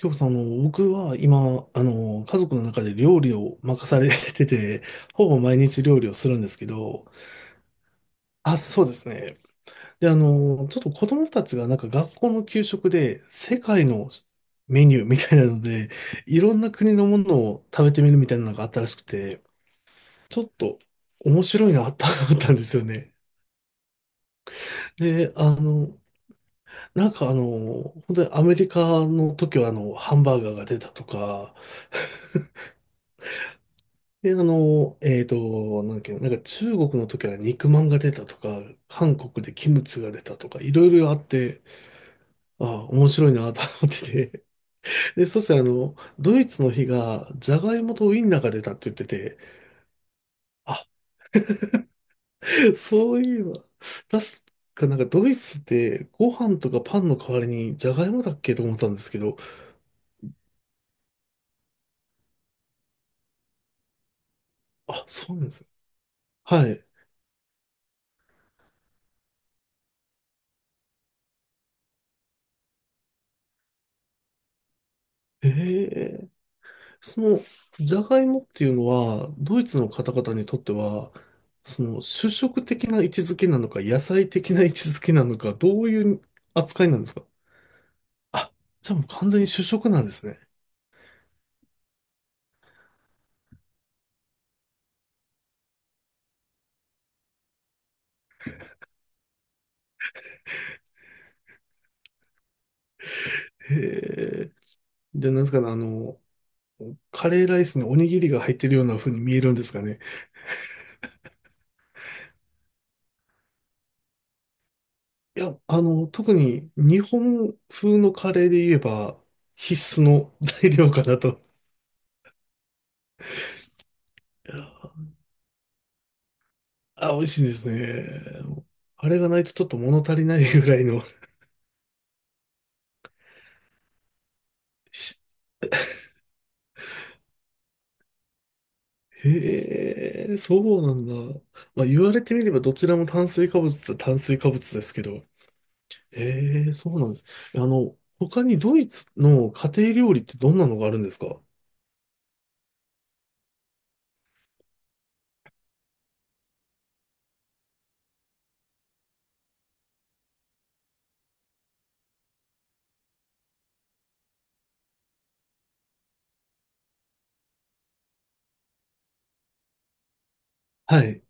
今日さん、僕は今、家族の中で料理を任されてて、ほぼ毎日料理をするんですけど、あ、そうですね。で、ちょっと子供たちがなんか学校の給食で世界のメニューみたいなので、いろんな国のものを食べてみるみたいなのがあったらしくて、ちょっと面白いなと思ったんですよね。で、なんか本当にアメリカの時はハンバーガーが出たとか、で、なんだっけ、なんか中国の時は肉まんが出たとか、韓国でキムチが出たとか、いろいろあって、ああ、面白いなと思ってて。で、そしてドイツの日が、じゃがいもとウインナーが出たって言ってて、あ、そういえば、確かなんかドイツってご飯とかパンの代わりにじゃがいもだっけと思ったんですけど、あ、そうなんですね。はい。ええ、その、ジャガイモっていうのは、ドイツの方々にとっては、主食的な位置づけなのか、野菜的な位置づけなのか、どういう扱いなんですか？あ、じゃあもう完全に主食なんですね。へえ。で、なんですかね、カレーライスにおにぎりが入ってるような風に見えるんですかね。いや、特に日本風のカレーで言えば、必須の材料かなと。あ、美味しいですね。あれがないとちょっと物足りないぐらいの。しへえ、そうなんだ。まあ、言われてみればどちらも炭水化物っちゃ炭水化物ですけど。へえ、そうなんです。他にドイツの家庭料理ってどんなのがあるんですか？はい。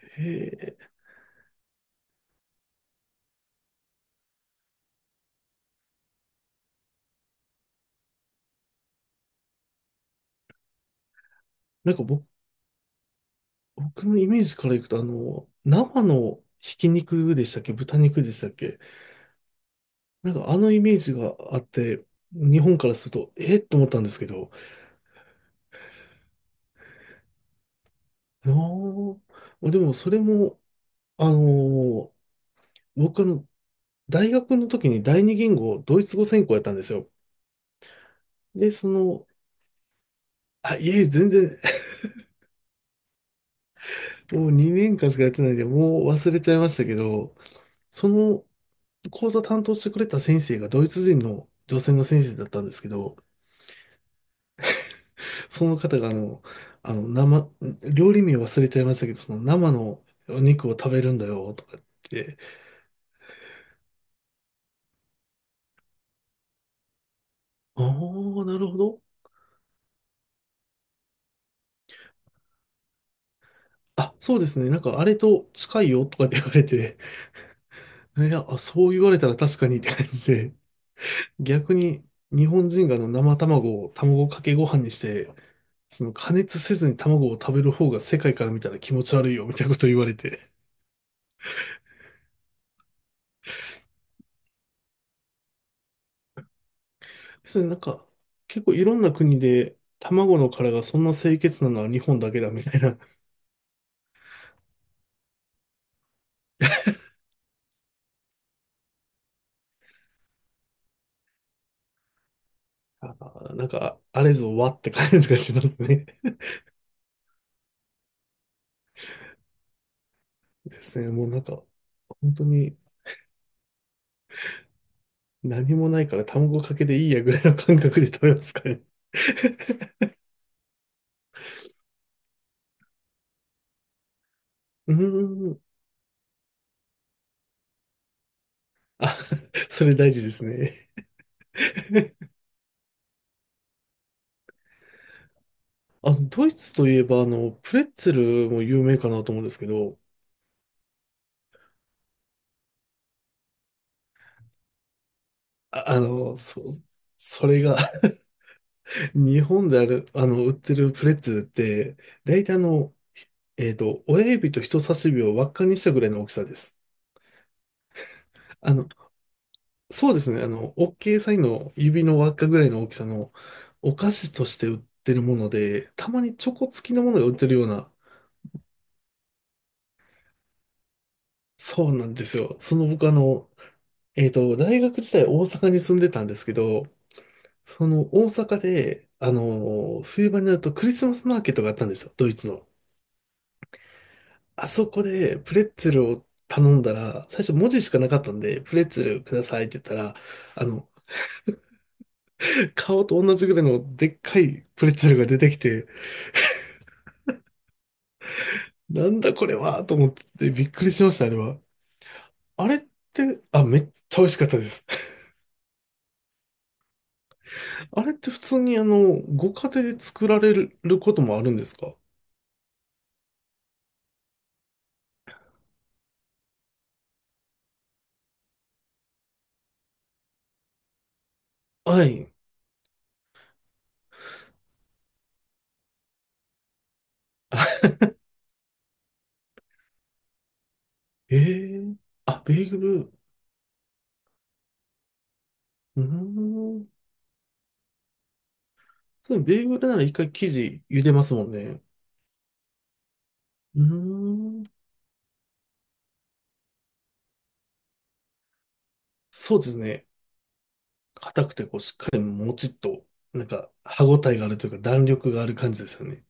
へえ、なんか僕のイメージからいくと、生のひき肉でしたっけ豚肉でしたっけ？なんかあのイメージがあって、日本からすると、えっと思ったんですけど。あーまあ、でもそれも、あのー僕は大学の時に第二言語、ドイツ語専攻やったんですよ。で、あ、いえ、全然、もう2年間しかやってないんで、もう忘れちゃいましたけど、その講座担当してくれた先生がドイツ人の女性の先生だったんですけど、その方があの、生、料理名忘れちゃいましたけど、その生のお肉を食べるんだよ、とか言って、ああ、なるほど。あ、そうですね。なんか、あれと近いよとかって言われて、いや、あそう言われたら確かにって感じで、逆に日本人があの生卵を卵かけご飯にして、その加熱せずに卵を食べる方が世界から見たら気持ち悪いよみたいなこと言われて。それなんか結構いろんな国で卵の殻がそんな清潔なのは日本だけだみたいな、あ、なんかあれぞわって感じがしますね。ですね。もうなんか本当に何もないから卵かけでいいやぐらいの感覚で食べますからね。うーん。あ、それ大事ですね。あ、ドイツといえば、プレッツェルも有名かなと思うんですけど、あ、そう、それが 日本である、売ってるプレッツェルって、大体親指と人差し指を輪っかにしたぐらいの大きさです。あの、そうですね、OK サインの指の輪っかぐらいの大きさのお菓子として売ってるもので、たまにチョコ付きのものが売ってるような、そうなんですよ。僕大学時代大阪に住んでたんですけど、その大阪で、あの冬場になるとクリスマスマーケットがあったんですよ、ドイツの。あそこでプレッツェルを頼んだら、最初文字しかなかったんで、プレッツェルくださいって言ったら、あの、顔と同じぐらいのでっかいプレッツェルが出てきて、なんだこれはと思ってびっくりしました、あれは。あれって、あ、めっちゃ美味しかったです。あれって普通にご家庭で作られることもあるんですか？はい。ええ、あ、ベーグル。うーん。そう、ベーグルなら一回生地茹でますもんね。うーん。そうですね。硬くてこうしっかりもちっと、なんか歯ごたえがあるというか弾力がある感じですよね。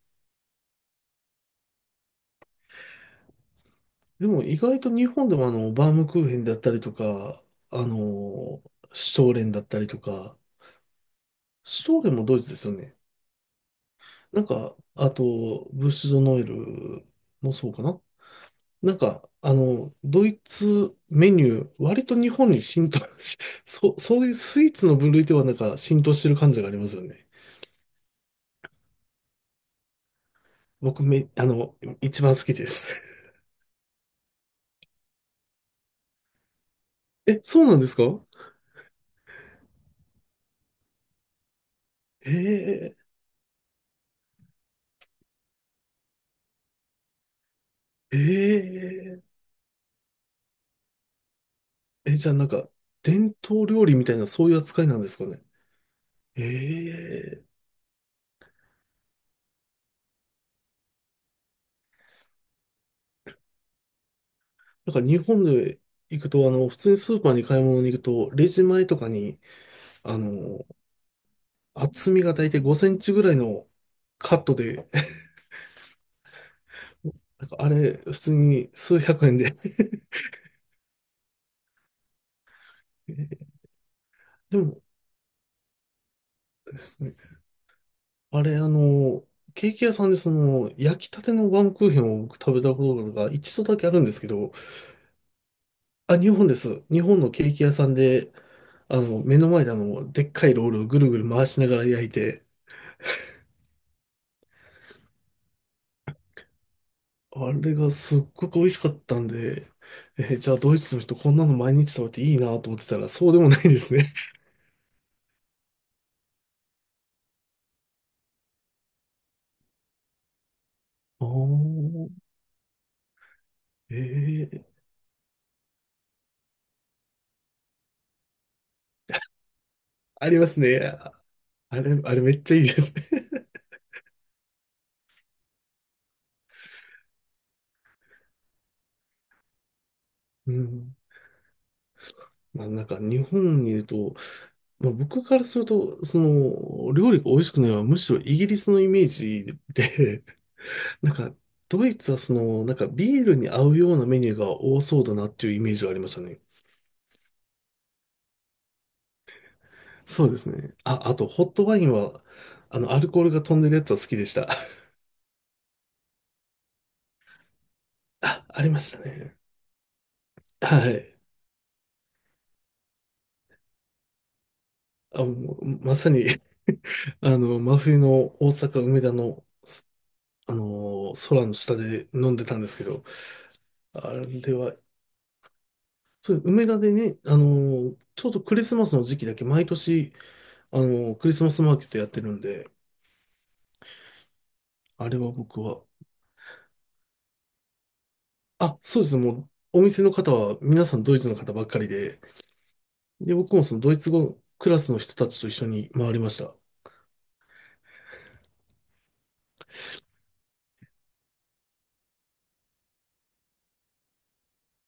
でも意外と日本でもバームクーヘンだったりとか、あの、シュトーレンだったりとか、シュトーレンもドイツですよね。なんか、あと、ブッシュドノエルもそうかな。なんか、ドイツメニュー、割と日本に浸透し、そう、そういうスイーツの分類ではなんか浸透してる感じがありますよね。僕め、一番好きです。え、そうなんですか？えええええ、じゃあなんか、伝統料理みたいなそういう扱いなんですかね。ええ、なんか日本で行くと、普通にスーパーに買い物に行くと、レジ前とかに、あの、厚みが大体5センチぐらいのカットでなんかあれ、普通に数百円で でもですね、あれ、ケーキ屋さんでその、焼きたてのバームクーヘンを僕食べたことが一度だけあるんですけど、あ、日本です。日本のケーキ屋さんで、目の前ででっかいロールをぐるぐる回しながら焼いて、あれがすっごく美味しかったんで、じゃあドイツの人こんなの毎日食べていいなと思ってたら、そうでもないですね。あーえーありますね。あれめっちゃいいですね。うん。まあなんか日本にいると、まあ、僕からすると、その料理が美味しくないのはむしろイギリスのイメージで、なんかドイツはそのなんかビールに合うようなメニューが多そうだなっていうイメージがありましたね。そうですね。あ、あとホットワインはあのアルコールが飛んでるやつは好きでした。あ、ありましたね。はい。あ、もうまさに あの真冬の大阪梅田の、すあのー空の下で飲んでたんですけど、あれはそう、梅田でね、ちょうどクリスマスの時期だけ毎年、あのクリスマスマーケットやってるんで、あれは僕は、あ、そうですね、もう、お店の方は皆さんドイツの方ばっかりで、で、僕もそのドイツ語クラスの人たちと一緒に回りました。